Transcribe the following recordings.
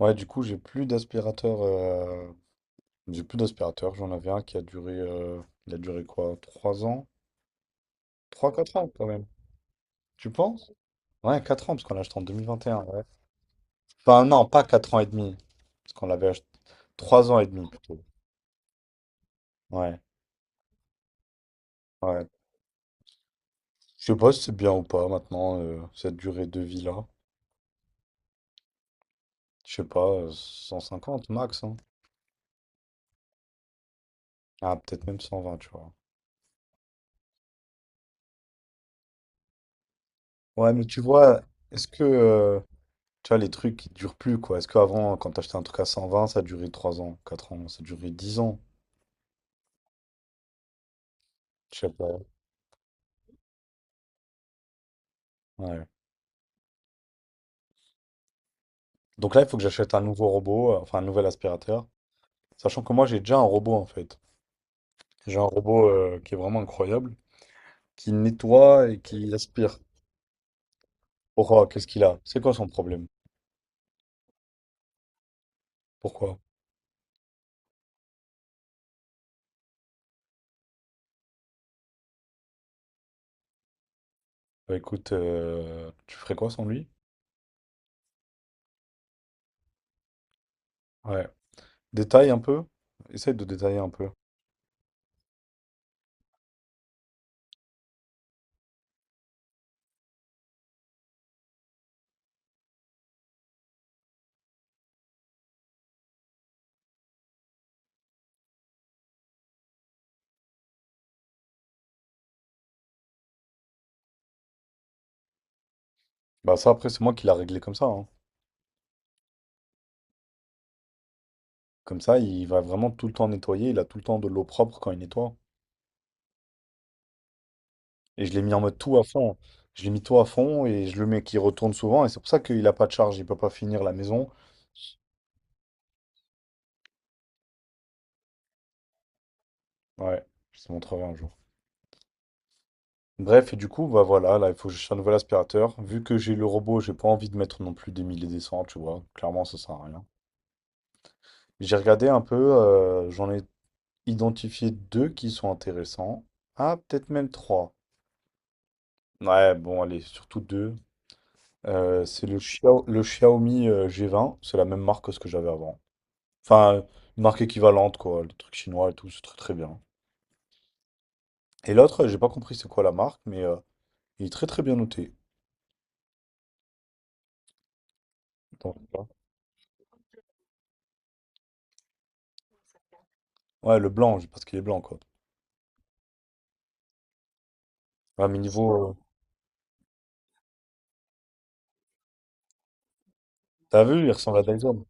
Ouais, du coup, j'ai plus d'aspirateur. J'ai plus d'aspirateur. J'en avais un qui a duré. Il a duré quoi? 3 ans? Trois quatre ans quand même. Tu penses? Ouais, 4 ans, parce qu'on l'a acheté en 2021. Ouais. Enfin, non, pas 4 ans et demi. Parce qu'on l'avait acheté. 3 ans et demi plutôt. Ouais, ouais. Je sais pas si c'est bien ou pas maintenant, cette durée de vie-là. Je sais pas, 150 max, hein. Ah, peut-être même 120, tu vois. Ouais, mais tu vois, est-ce que. Tu vois, les trucs qui durent plus, quoi. Est-ce qu'avant, quand t'achetais un truc à 120, ça durait 3 ans, 4 ans, ça durait 10 ans? Je sais pas. Ouais. Donc là, il faut que j'achète un nouveau robot, enfin un nouvel aspirateur. Sachant que moi, j'ai déjà un robot, en fait. J'ai un robot qui est vraiment incroyable, qui nettoie et qui aspire. Pourquoi? Qu'est-ce qu'il a? C'est quoi son problème? Pourquoi? Bah écoute, tu ferais quoi sans lui? Ouais. Détaille un peu. Essaye de détailler un peu. Bah ça, après, c'est moi qui l'a réglé comme ça, hein. Comme ça, il va vraiment tout le temps nettoyer, il a tout le temps de l'eau propre quand il nettoie. Et je l'ai mis en mode tout à fond. Je l'ai mis tout à fond et je le mets qui retourne souvent. Et c'est pour ça qu'il a pas de charge, il peut pas finir la maison. Ouais, je te montrerai un jour. Bref, et du coup, bah voilà, là, il faut que j'achète un nouvel aspirateur. Vu que j'ai le robot, j'ai pas envie de mettre non plus des mille et des cents, tu vois. Clairement, ça sert à rien. J'ai regardé un peu, j'en ai identifié deux qui sont intéressants. Ah, peut-être même trois. Ouais, bon, allez, surtout deux. C'est le Xiaomi G20, c'est la même marque que ce que j'avais avant. Enfin, une marque équivalente, quoi, les trucs chinois et tout, c'est très très bien. Et l'autre, j'ai pas compris c'est quoi la marque, mais il est très très bien noté. Donc, voilà. Ouais, le blanc, parce qu'il est blanc, quoi. Ouais, mais niveau, t'as vu, il ressemble à Dyson.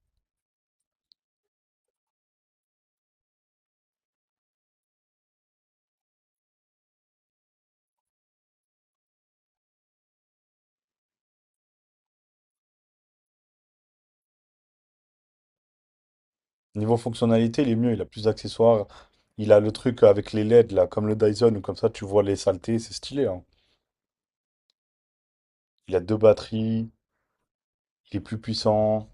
Niveau fonctionnalité, il est mieux, il a plus d'accessoires. Il a le truc avec les LED, là, comme le Dyson, ou comme ça, tu vois les saletés, c'est stylé, hein. Il a deux batteries, il est plus puissant.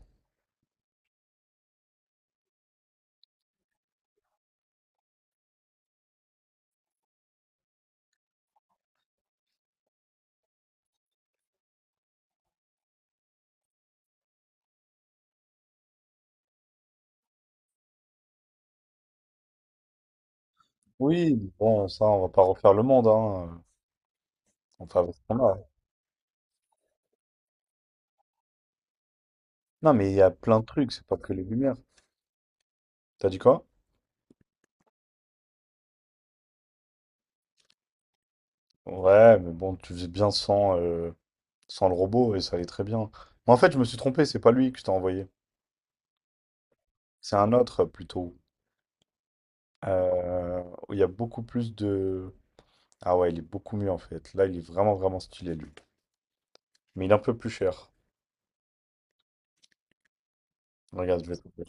Oui, bon, ça, on va pas refaire le monde, hein. On fait avec ce qu'on a. Non, mais il y a plein de trucs, c'est pas que les lumières. T'as dit quoi? Ouais, mais bon, tu faisais bien sans le robot et ça allait très bien. Mais en fait, je me suis trompé, c'est pas lui que je t'ai envoyé. C'est un autre, plutôt. Euh, il y a beaucoup plus de... Ah ouais, il est beaucoup mieux en fait. Là, il est vraiment, vraiment stylé, lui. Mais il est un peu plus cher. Regarde, je vais te dire.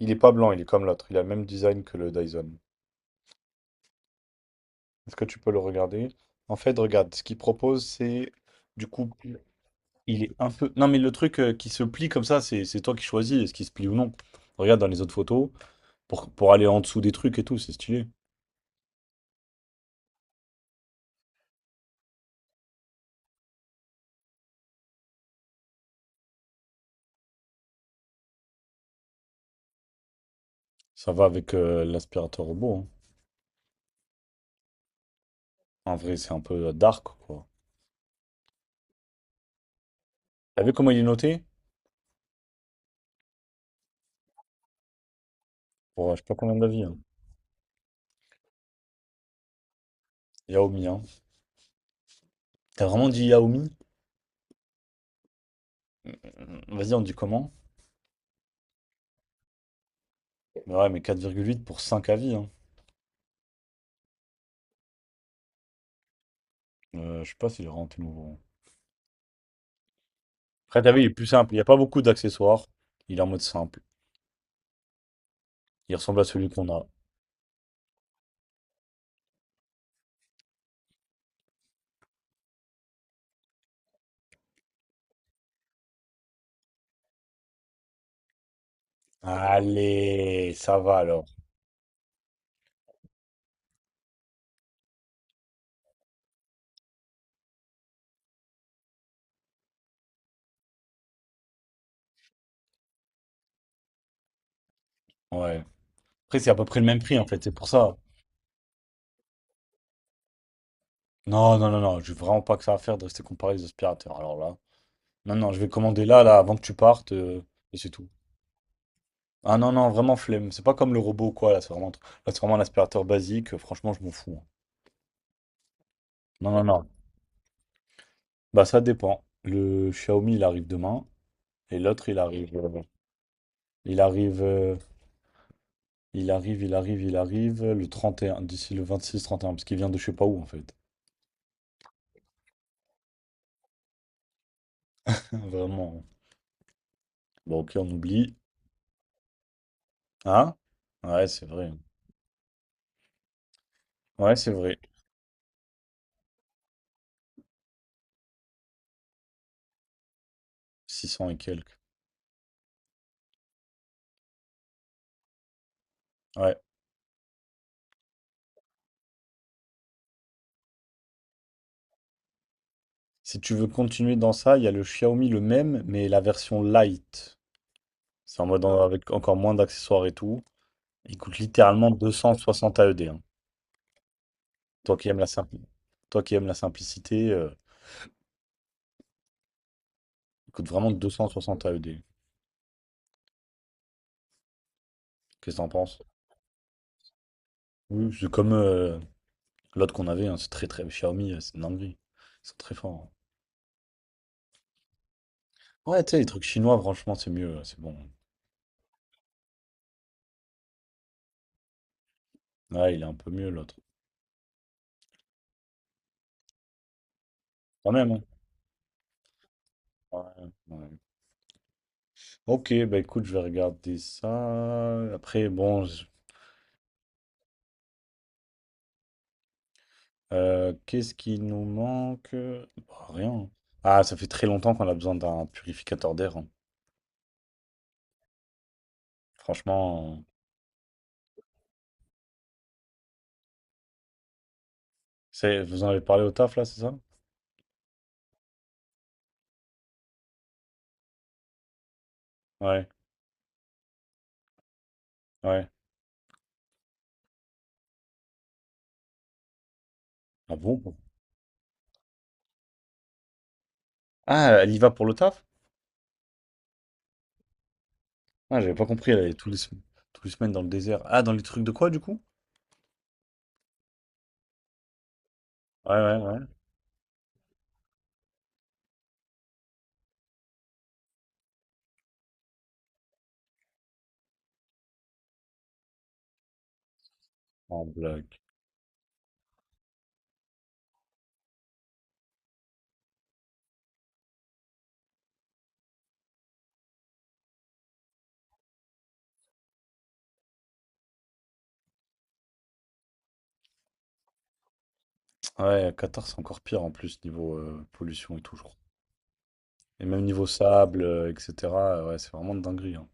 Il est pas blanc, il est comme l'autre. Il a le même design que le Dyson. Est-ce que tu peux le regarder? En fait, regarde, ce qu'il propose, c'est... Du coup, il est un peu... Non, mais le truc qui se plie comme ça, c'est toi qui choisis, est-ce qu'il se plie ou non. Regarde dans les autres photos. Pour aller en dessous des trucs et tout, c'est stylé. Ça va avec l'aspirateur robot, hein. En vrai, c'est un peu dark, quoi. T'as vu comment il est noté? Pour je sais pas combien d'avis, hein. Yaomi, hein. T'as vraiment dit Yaomi? Vas-y, on dit comment? Mais ouais, mais 4,8 pour 5 avis, hein. Je sais pas s'il est rentré nouveau. Après, t'as vu, il est plus simple. Il n'y a pas beaucoup d'accessoires. Il est en mode simple. Il ressemble à celui qu'on a. Allez, ça va alors. Ouais. Après, c'est à peu près le même prix en fait, c'est pour ça. Non, non, non, non, j'ai vraiment pas que ça à faire de rester comparé aux aspirateurs. Alors là, non, non, je vais commander là, là, avant que tu partes, et c'est tout. Ah non, non, vraiment flemme. C'est pas comme le robot ou quoi, là, c'est vraiment un aspirateur basique. Franchement, je m'en fous, hein. Non, non, non. Bah ça dépend. Le Xiaomi il arrive demain et l'autre il arrive euh, il arrive le 31 d'ici le 26 31 parce qu'il vient de je sais pas où en fait. Vraiment. Bon OK, on oublie. Hein? Ouais, c'est vrai. Ouais, c'est vrai. Six cents et quelques. Ouais. Si tu veux continuer dans ça, il y a le Xiaomi le même mais la version light. C'est en mode avec encore moins d'accessoires et tout. Il coûte littéralement 260 AED, hein. Toi qui aimes la simpli- Toi qui aimes la simplicité, il coûte vraiment 260 AED. Qu'est-ce que t'en penses? Oui, c'est comme l'autre qu'on avait, hein, c'est très très. Xiaomi, c'est une dinguerie. Ils sont très forts. Hein. Ouais, tu sais, les trucs chinois, franchement, c'est mieux, c'est bon. Ouais, il est un peu mieux l'autre. Quand même, hein. Ouais, ouais. Ok, bah écoute, je vais regarder ça. Après, bon, qu'est-ce qui nous manque? Bah, rien, hein. Ah, ça fait très longtemps qu'on a besoin d'un purificateur d'air, hein. Franchement, c'est... Vous en avez parlé au taf là, c'est ça? Ouais, ouais. Ah bon? Ah, elle y va pour le taf? Ah, j'avais pas compris, elle allait tous les semaines dans le désert. Ah, dans les trucs de quoi, du coup? Ouais, ouais, ouais. En blague. Ouais, à Qatar, c'est encore pire en plus, niveau pollution et tout, je crois. Et même niveau sable, etc. Ouais, c'est vraiment de dinguerie, hein.